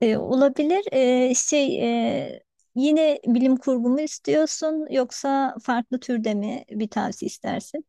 Olabilir. E, Yine bilim kurgu mu istiyorsun yoksa farklı türde mi bir tavsiye istersin?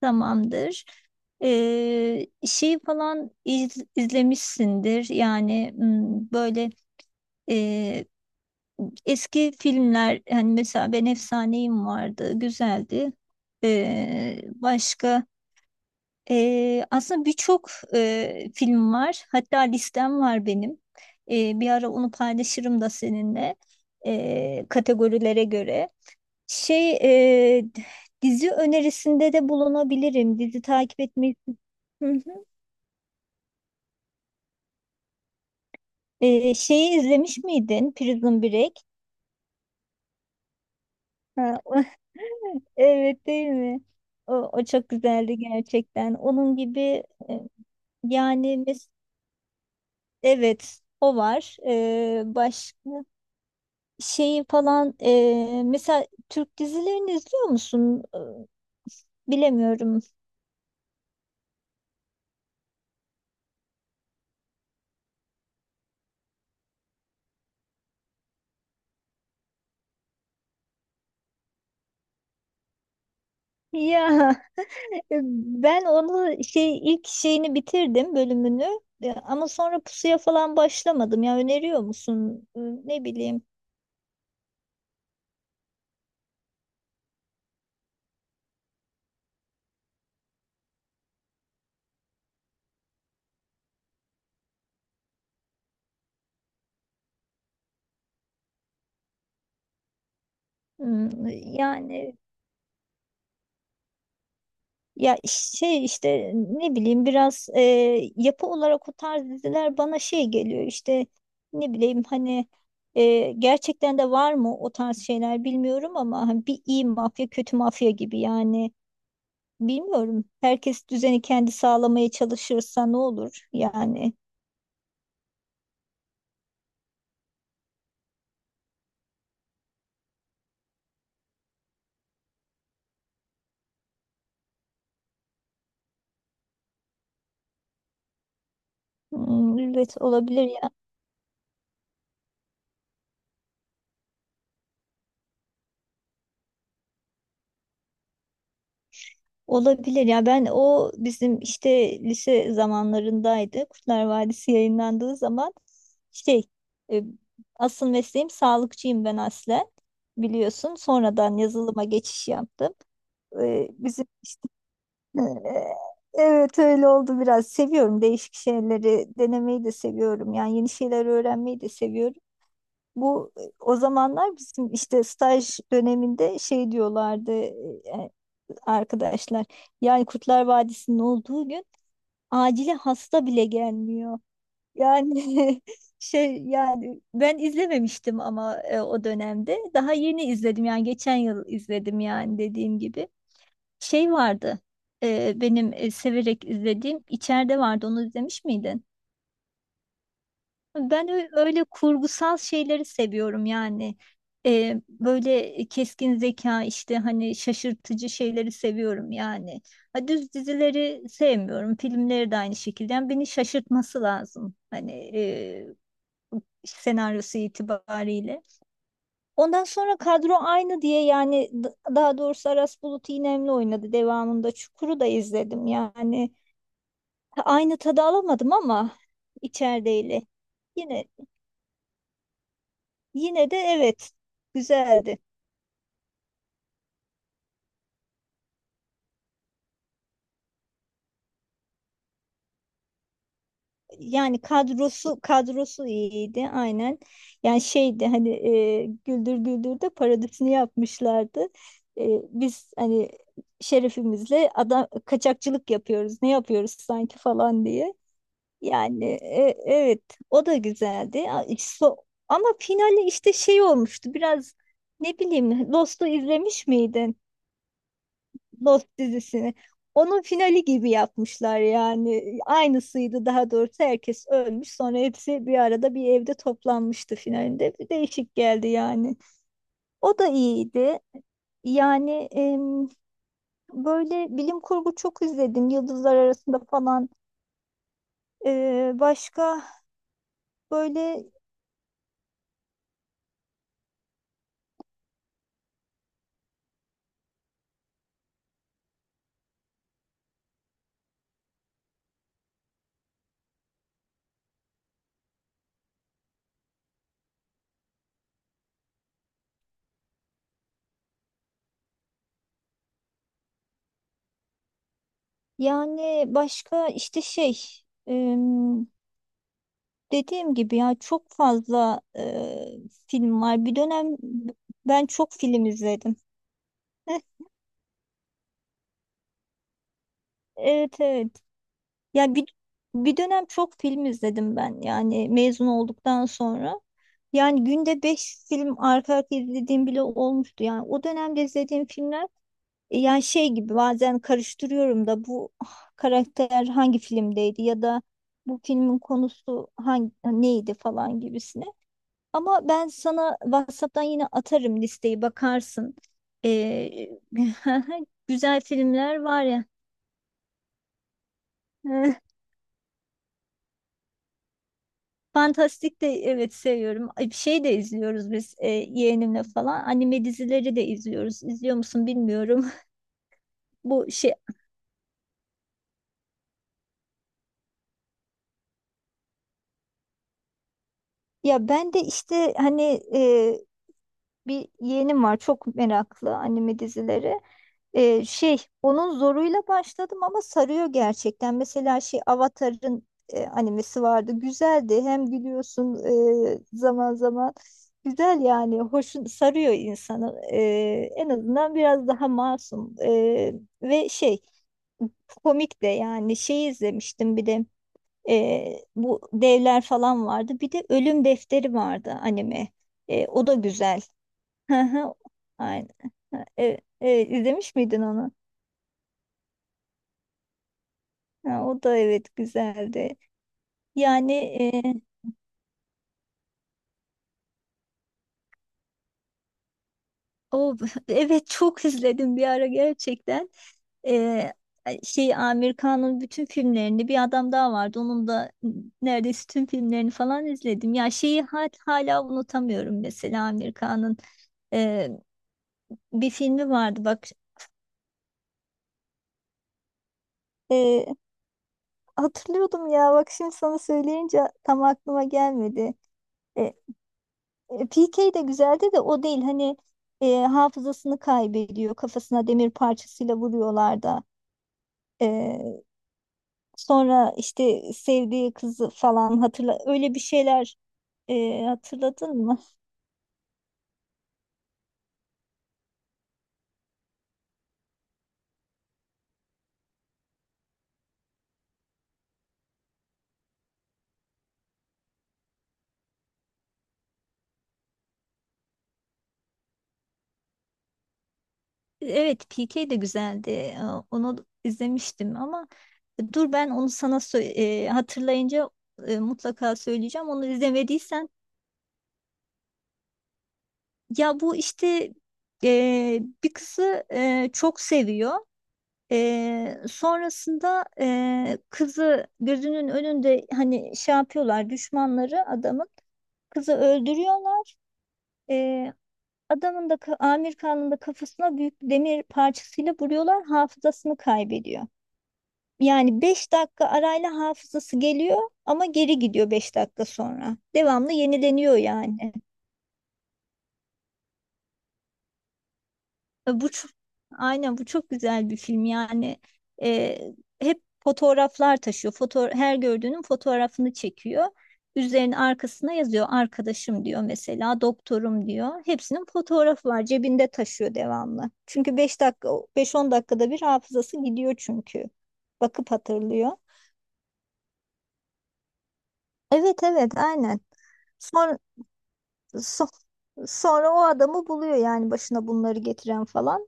Tamamdır. Falan izlemişsindir. Yani böyle, e, eski filmler, hani mesela Ben Efsaneyim vardı, güzeldi. Başka. Aslında birçok film var. Hatta listem var benim. Bir ara onu paylaşırım da seninle, kategorilere göre. Şey e, Dizi önerisinde de bulunabilirim. Dizi takip etmeyi. Hı hı. Şeyi izlemiş miydin? Prison Break. Ha, evet, değil mi? O çok güzeldi gerçekten. Onun gibi. e, yani mes- evet, o var. Başka. Mesela Türk dizilerini izliyor musun? Bilemiyorum. Ya, ben onu şey ilk şeyini bitirdim, bölümünü. Ama sonra pusuya falan başlamadım. Ya, öneriyor musun? Ne bileyim. Yani, ya şey işte, ne bileyim biraz, yapı olarak o tarz diziler bana şey geliyor işte, ne bileyim, hani, gerçekten de var mı o tarz şeyler bilmiyorum, ama hani bir iyi mafya kötü mafya gibi yani, bilmiyorum. Herkes düzeni kendi sağlamaya çalışırsa ne olur yani. Hmm, evet, olabilir. Olabilir ya, ben o bizim işte lise zamanlarındaydı. Kurtlar Vadisi yayınlandığı zaman, şey e, asıl mesleğim sağlıkçıyım ben aslen, biliyorsun. Sonradan yazılıma geçiş yaptım. E, bizim işte, e, evet, öyle oldu biraz. Seviyorum, değişik şeyleri denemeyi de seviyorum. Yani yeni şeyler öğrenmeyi de seviyorum. Bu, o zamanlar bizim işte staj döneminde şey diyorlardı, arkadaşlar. Yani Kurtlar Vadisi'nin olduğu gün acile hasta bile gelmiyor. Yani, şey yani ben izlememiştim ama, o dönemde daha yeni izledim yani, geçen yıl izledim yani, dediğim gibi. Şey vardı, benim severek izlediğim içeride vardı, onu izlemiş miydin? Ben öyle kurgusal şeyleri seviyorum yani. Böyle keskin zeka, işte hani şaşırtıcı şeyleri seviyorum yani. Ha, düz dizileri sevmiyorum. Filmleri de aynı şekilde. Yani beni şaşırtması lazım. Hani, e, senaryosu itibariyle. Ondan sonra kadro aynı diye yani, daha doğrusu Aras Bulut İynemli oynadı devamında. Çukur'u da izledim yani. Ha, aynı tadı alamadım ama, içerideyle. Yine Yine de, evet, güzeldi. Yani kadrosu iyiydi aynen. Yani şeydi hani, Güldür Güldür'de parodisini yapmışlardı. Biz hani şerefimizle adam kaçakçılık yapıyoruz. Ne yapıyoruz sanki falan diye. Yani, evet, o da güzeldi. Ama finali işte şey olmuştu biraz, ne bileyim, Lost'u izlemiş miydin? Lost dizisini. Onun finali gibi yapmışlar yani. Aynısıydı, daha doğrusu herkes ölmüş. Sonra hepsi bir arada bir evde toplanmıştı finalinde. Bir değişik geldi yani. O da iyiydi. Yani, böyle bilim kurgu çok izledim. Yıldızlar Arasında falan. Başka böyle. Yani başka işte, em, dediğim gibi, ya çok fazla film var. Bir dönem ben çok film izledim. Evet, evet. Ya, bir dönem çok film izledim ben yani, mezun olduktan sonra. Yani günde 5 film arka arka izlediğim bile olmuştu. Yani o dönemde izlediğim filmler, yani şey gibi, bazen karıştırıyorum da, bu, karakter hangi filmdeydi ya da bu filmin konusu hangi neydi falan gibisine. Ama ben sana WhatsApp'tan yine atarım listeyi, bakarsın. Ee, güzel filmler var ya. Fantastik de, evet, seviyorum. Ay, bir şey de izliyoruz biz, yeğenimle falan. Anime dizileri de izliyoruz. İzliyor musun bilmiyorum. Bu şey Ya ben de işte hani, e, bir yeğenim var çok meraklı anime dizileri. Onun zoruyla başladım, ama sarıyor gerçekten. Mesela, Avatar'ın animesi vardı. Güzeldi. Hem gülüyorsun zaman zaman. Güzel yani. Hoşun sarıyor insanı. En azından biraz daha masum. Ve komik de yani, izlemiştim bir de, bu devler falan vardı. Bir de Ölüm Defteri vardı anime. O da güzel. Hı hı. Aynen. İzlemiş miydin onu? Ha, o da evet, güzeldi. Yani, e, o, evet, çok izledim bir ara gerçekten. E, Amir Khan'ın bütün filmlerini, bir adam daha vardı. Onun da neredeyse tüm filmlerini falan izledim. Ya şeyi hala unutamıyorum, mesela Amir Khan'ın e, bir filmi vardı bak. E, Hatırlıyordum ya, bak şimdi sana söyleyince tam aklıma gelmedi. PK de güzeldi de, o değil. Hani, hafızasını kaybediyor. Kafasına demir parçasıyla vuruyorlar da. E, Sonra işte sevdiği kızı falan hatırla. Öyle bir şeyler, hatırladın mı? Evet, PK de güzeldi. Onu izlemiştim ama, dur ben onu sana hatırlayınca, mutlaka söyleyeceğim. Onu izlemediysen, ya bu işte, bir kızı çok seviyor. Sonrasında, kızı gözünün önünde, hani şey yapıyorlar, düşmanları adamın kızı öldürüyorlar. Ee, Amir Khan'ın da kafasına büyük bir demir parçasıyla vuruyorlar, hafızasını kaybediyor. Yani 5 dakika arayla hafızası geliyor ama geri gidiyor 5 dakika sonra. Devamlı yenileniyor yani. E, Bu çok, aynen bu çok güzel bir film yani, e, hep fotoğraflar taşıyor. Her gördüğünün fotoğrafını çekiyor. Üzerine, arkasına yazıyor arkadaşım, diyor mesela doktorum, diyor. Hepsinin fotoğrafı var, cebinde taşıyor devamlı. Çünkü 5 dakika, 5-10 dakikada bir hafızası gidiyor çünkü. Bakıp hatırlıyor. Evet, evet, aynen. Sonra, so- sonra o adamı buluyor yani, başına bunları getiren falan.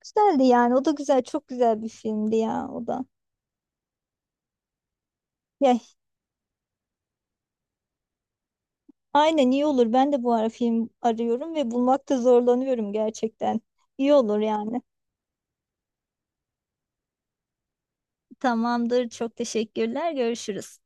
Güzeldi yani. O da güzel. Çok güzel bir filmdi ya o da. Ya, aynen, iyi olur. Ben de bu ara film arıyorum ve bulmakta zorlanıyorum gerçekten. İyi olur yani. Tamamdır. Çok teşekkürler. Görüşürüz.